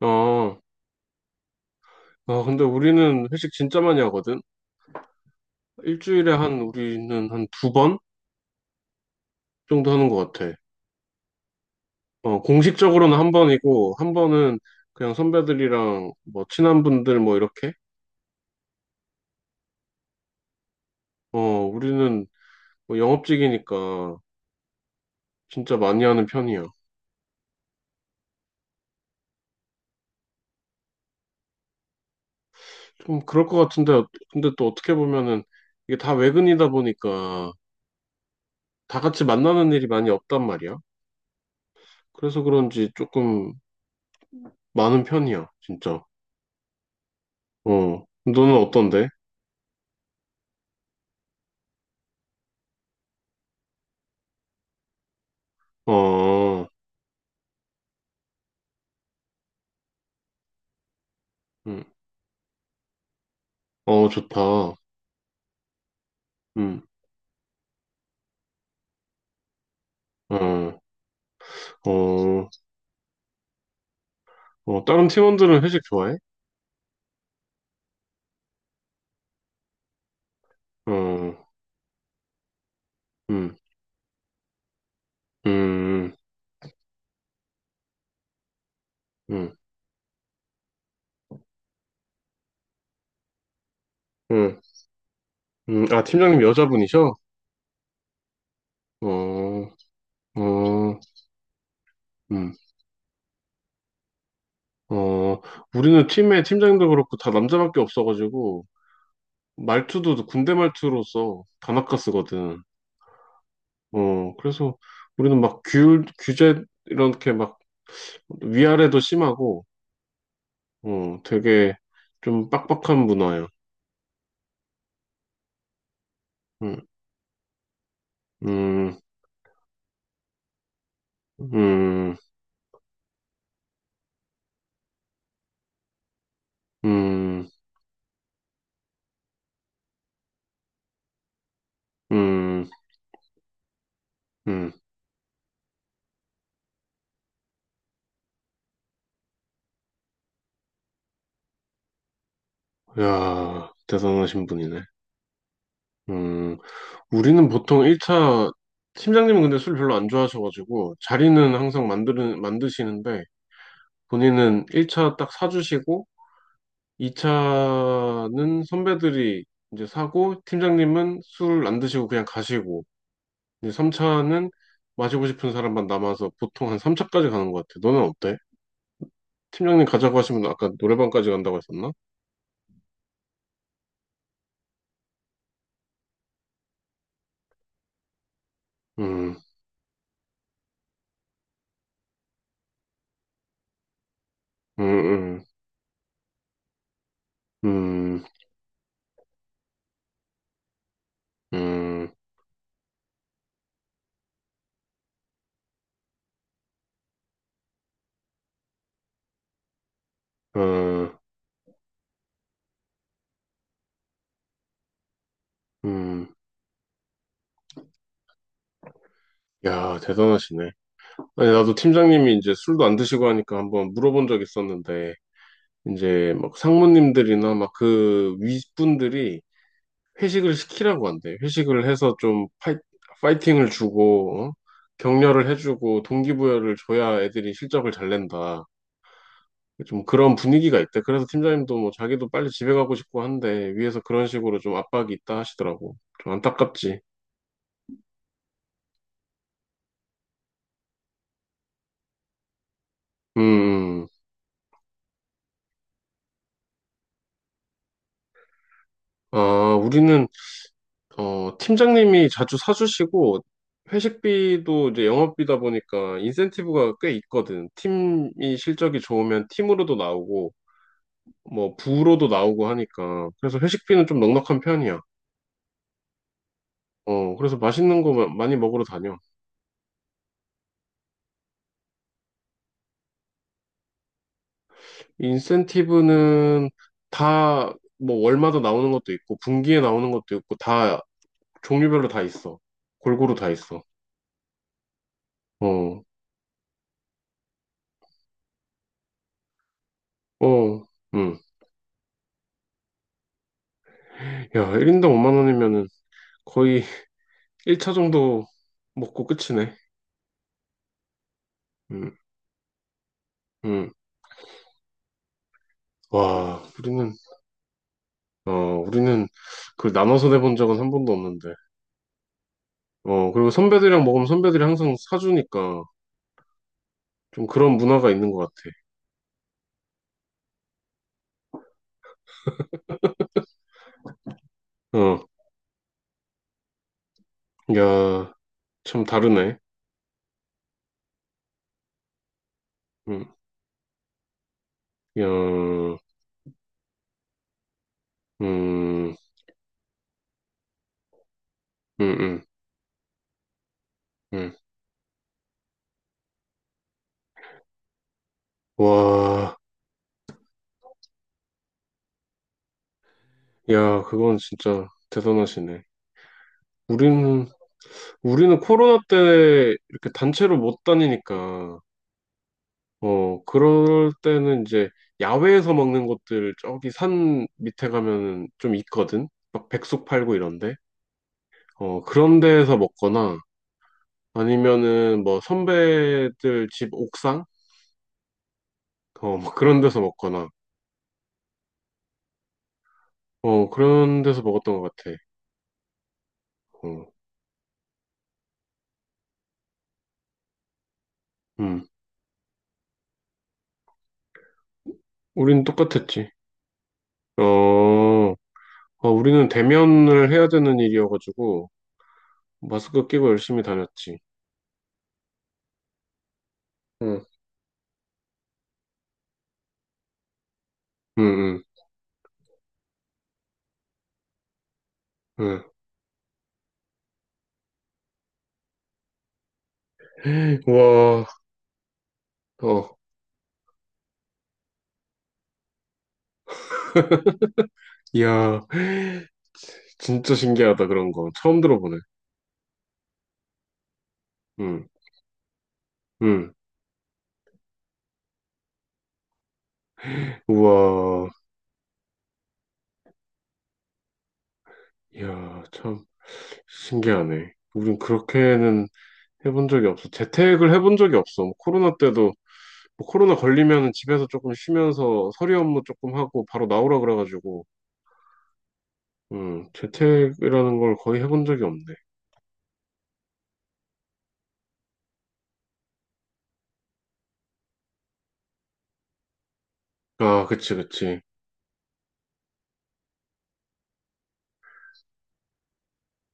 어, 아, 근데 우리는 회식 진짜 많이 하거든? 일주일에 우리는 한 두 번 정도 하는 것 같아. 어, 공식적으로는 한 번이고, 한 번은 그냥 선배들이랑 뭐 친한 분들 뭐 이렇게? 어, 우리는 뭐 영업직이니까 진짜 많이 하는 편이야. 좀 그럴 것 같은데, 근데 또 어떻게 보면은 이게 다 외근이다 보니까 다 같이 만나는 일이 많이 없단 말이야. 그래서 그런지 조금 많은 편이야, 진짜. 어, 너는 어떤데? 어. 음, 어, 좋다. 음, 어, 어, 어, 다른 팀원들은 회식 좋아해? 어, 응, 음, 음, 음, 음, 아, 팀장님 여자분이셔? 어, 어, 음, 어, 우리는 팀에 팀장님도 그렇고 다 남자밖에 없어가지고 말투도 군대 말투로 써. 다나카 쓰거든. 어, 그래서 우리는 막 규제 이렇게 막 위아래도 심하고, 어, 되게 좀 빡빡한 문화야. 음, 음, 음. 음, 음, 음. 야, 대단하신 분이네. 음, 우리는 보통 1차, 팀장님은 근데 술 별로 안 좋아하셔가지고, 자리는 항상 만드시는데, 본인은 1차 딱 사주시고, 2차는 선배들이 이제 사고, 팀장님은 술 안 드시고 그냥 가시고, 이제 3차는 마시고 싶은 사람만 남아서 보통 한 3차까지 가는 것 같아. 너는 어때? 팀장님 가자고 하시면 아까 노래방까지 간다고 했었나? 음, 음, 음. 음. 음, 음, 음. 야, 대단하시네. 아니, 나도 팀장님이 이제 술도 안 드시고 하니까 한번 물어본 적 있었는데, 이제 막 상무님들이나 막 그 윗분들이 회식을 시키라고 한대. 회식을 해서 좀 파이팅을 주고, 어? 격려를 해주고, 동기부여를 줘야 애들이 실적을 잘 낸다. 좀 그런 분위기가 있대. 그래서 팀장님도 뭐 자기도 빨리 집에 가고 싶고 한데, 위에서 그런 식으로 좀 압박이 있다 하시더라고. 좀 안타깝지. 음, 음. 아, 우리는 어, 팀장님이 자주 사주시고, 회식비도 이제 영업비다 보니까 인센티브가 꽤 있거든. 팀이 실적이 좋으면 팀으로도 나오고, 뭐, 부로도 나오고 하니까. 그래서 회식비는 좀 넉넉한 편이야. 어, 그래서 맛있는 거 많이 먹으러 다녀. 인센티브는 다, 뭐, 월마다 나오는 것도 있고, 분기에 나오는 것도 있고, 다, 종류별로 다 있어. 골고루 다 있어. 어, 어, 음. 야, 1인당 5만 원이면은 거의 1차 정도 먹고 끝이네. 음, 음. 와, 우리는 그걸 나눠서 내본 적은 한 번도 없는데. 어, 그리고 선배들이랑 먹으면 선배들이 항상 사주니까 좀 그런 문화가 있는 것 같아. 어, 야, 참 다르네. 음, 야, 음, 음, 음, 음. 와, 야, 그건 진짜 대단하시네. 우리는, 우리는 코로나 때 이렇게 단체로 못 다니니까 어, 그럴 때는 이제 야외에서 먹는 곳들 저기 산 밑에 가면은 좀 있거든? 막 백숙 팔고 이런데? 어, 그런 데에서 먹거나 아니면은 뭐 선배들 집 옥상? 어, 뭐 그런 데서 먹거나 어, 그런 데서 먹었던 것 같아. 어, 음. 우린 똑같았지. 어, 어, 우리는 대면을 해야 되는 일이어가지고 마스크 끼고 열심히 다녔지. 응, 응, 응, 응. 와, 어. 이야, 진짜 신기하다, 그런 거. 처음 들어보네. 응, 응. 우와, 이야, 참 신기하네. 우린 그렇게는 해본 적이 없어. 재택을 해본 적이 없어. 뭐 코로나 때도, 뭐 코로나 걸리면 집에서 조금 쉬면서 서류 업무 조금 하고 바로 나오라 그래가지고, 응, 재택이라는 걸 거의 해본 적이 없네. 아, 그치, 그치.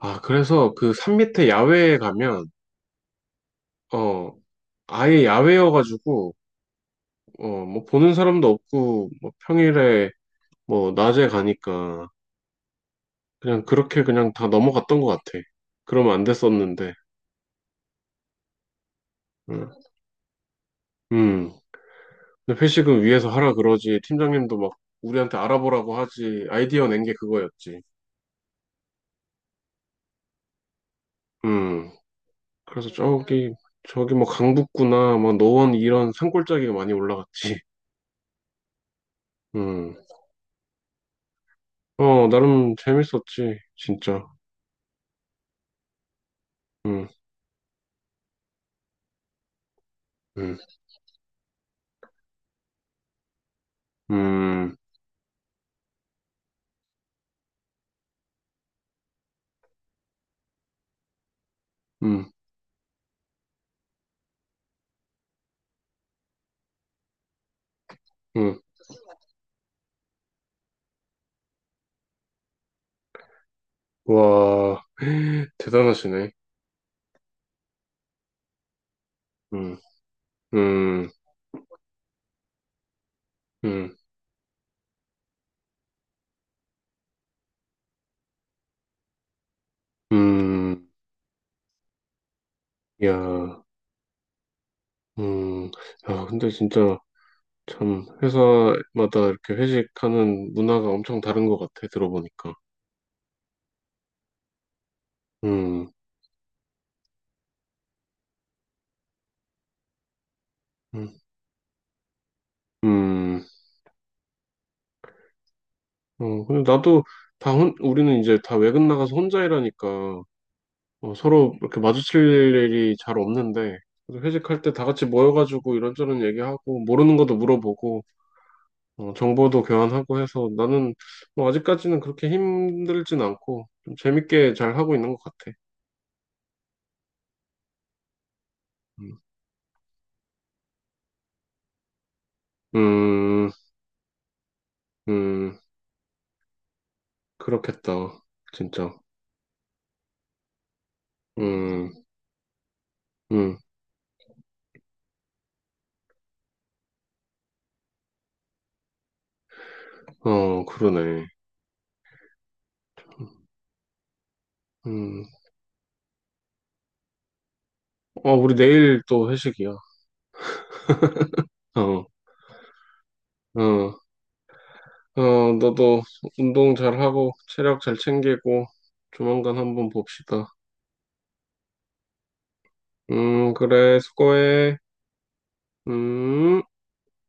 아, 그래서 그 산 밑에 야외에 가면, 어, 아예 야외여가지고, 어, 뭐 보는 사람도 없고 뭐 평일에 뭐 낮에 가니까 그냥 그렇게 그냥 다 넘어갔던 것 같아. 그러면 안 됐었는데. 응. 음. 근데 회식은 위에서 하라 그러지. 팀장님도 막 우리한테 알아보라고 하지. 아이디어 낸 게 그거였지. 음. 그래서 저기 뭐 강북구나 막 노원 이런 산골짜기가 많이 올라갔지. 음. 어, 나름 재밌었지. 진짜. 음. 음. 음. 음. 음. 와, 대단하시네. 음. 음, 음, 음, 야, 음, 야, 근데 진짜 참 회사마다 이렇게 회식하는 문화가 엄청 다른 것 같아, 들어보니까. 음, 음, 음, 어, 근데 나도 우리는 이제 다 외근 나가서 혼자 일하니까 어, 서로 이렇게 마주칠 일이 잘 없는데, 그래도 회식할 때 다 같이 모여가지고 이런저런 얘기하고, 모르는 것도 물어보고, 어, 정보도 교환하고 해서 나는 뭐 아직까지는 그렇게 힘들진 않고 좀 재밌게 잘 하고 있는 것 같아. 음, 음, 음, 그렇겠다. 진짜. 음, 음, 어, 그러네. 음, 어, 우리 내일 또 회식이야. 어, 어, 어, 너도 운동 잘하고 체력 잘 챙기고 조만간 한번 봅시다. 그래, 수고해. 음.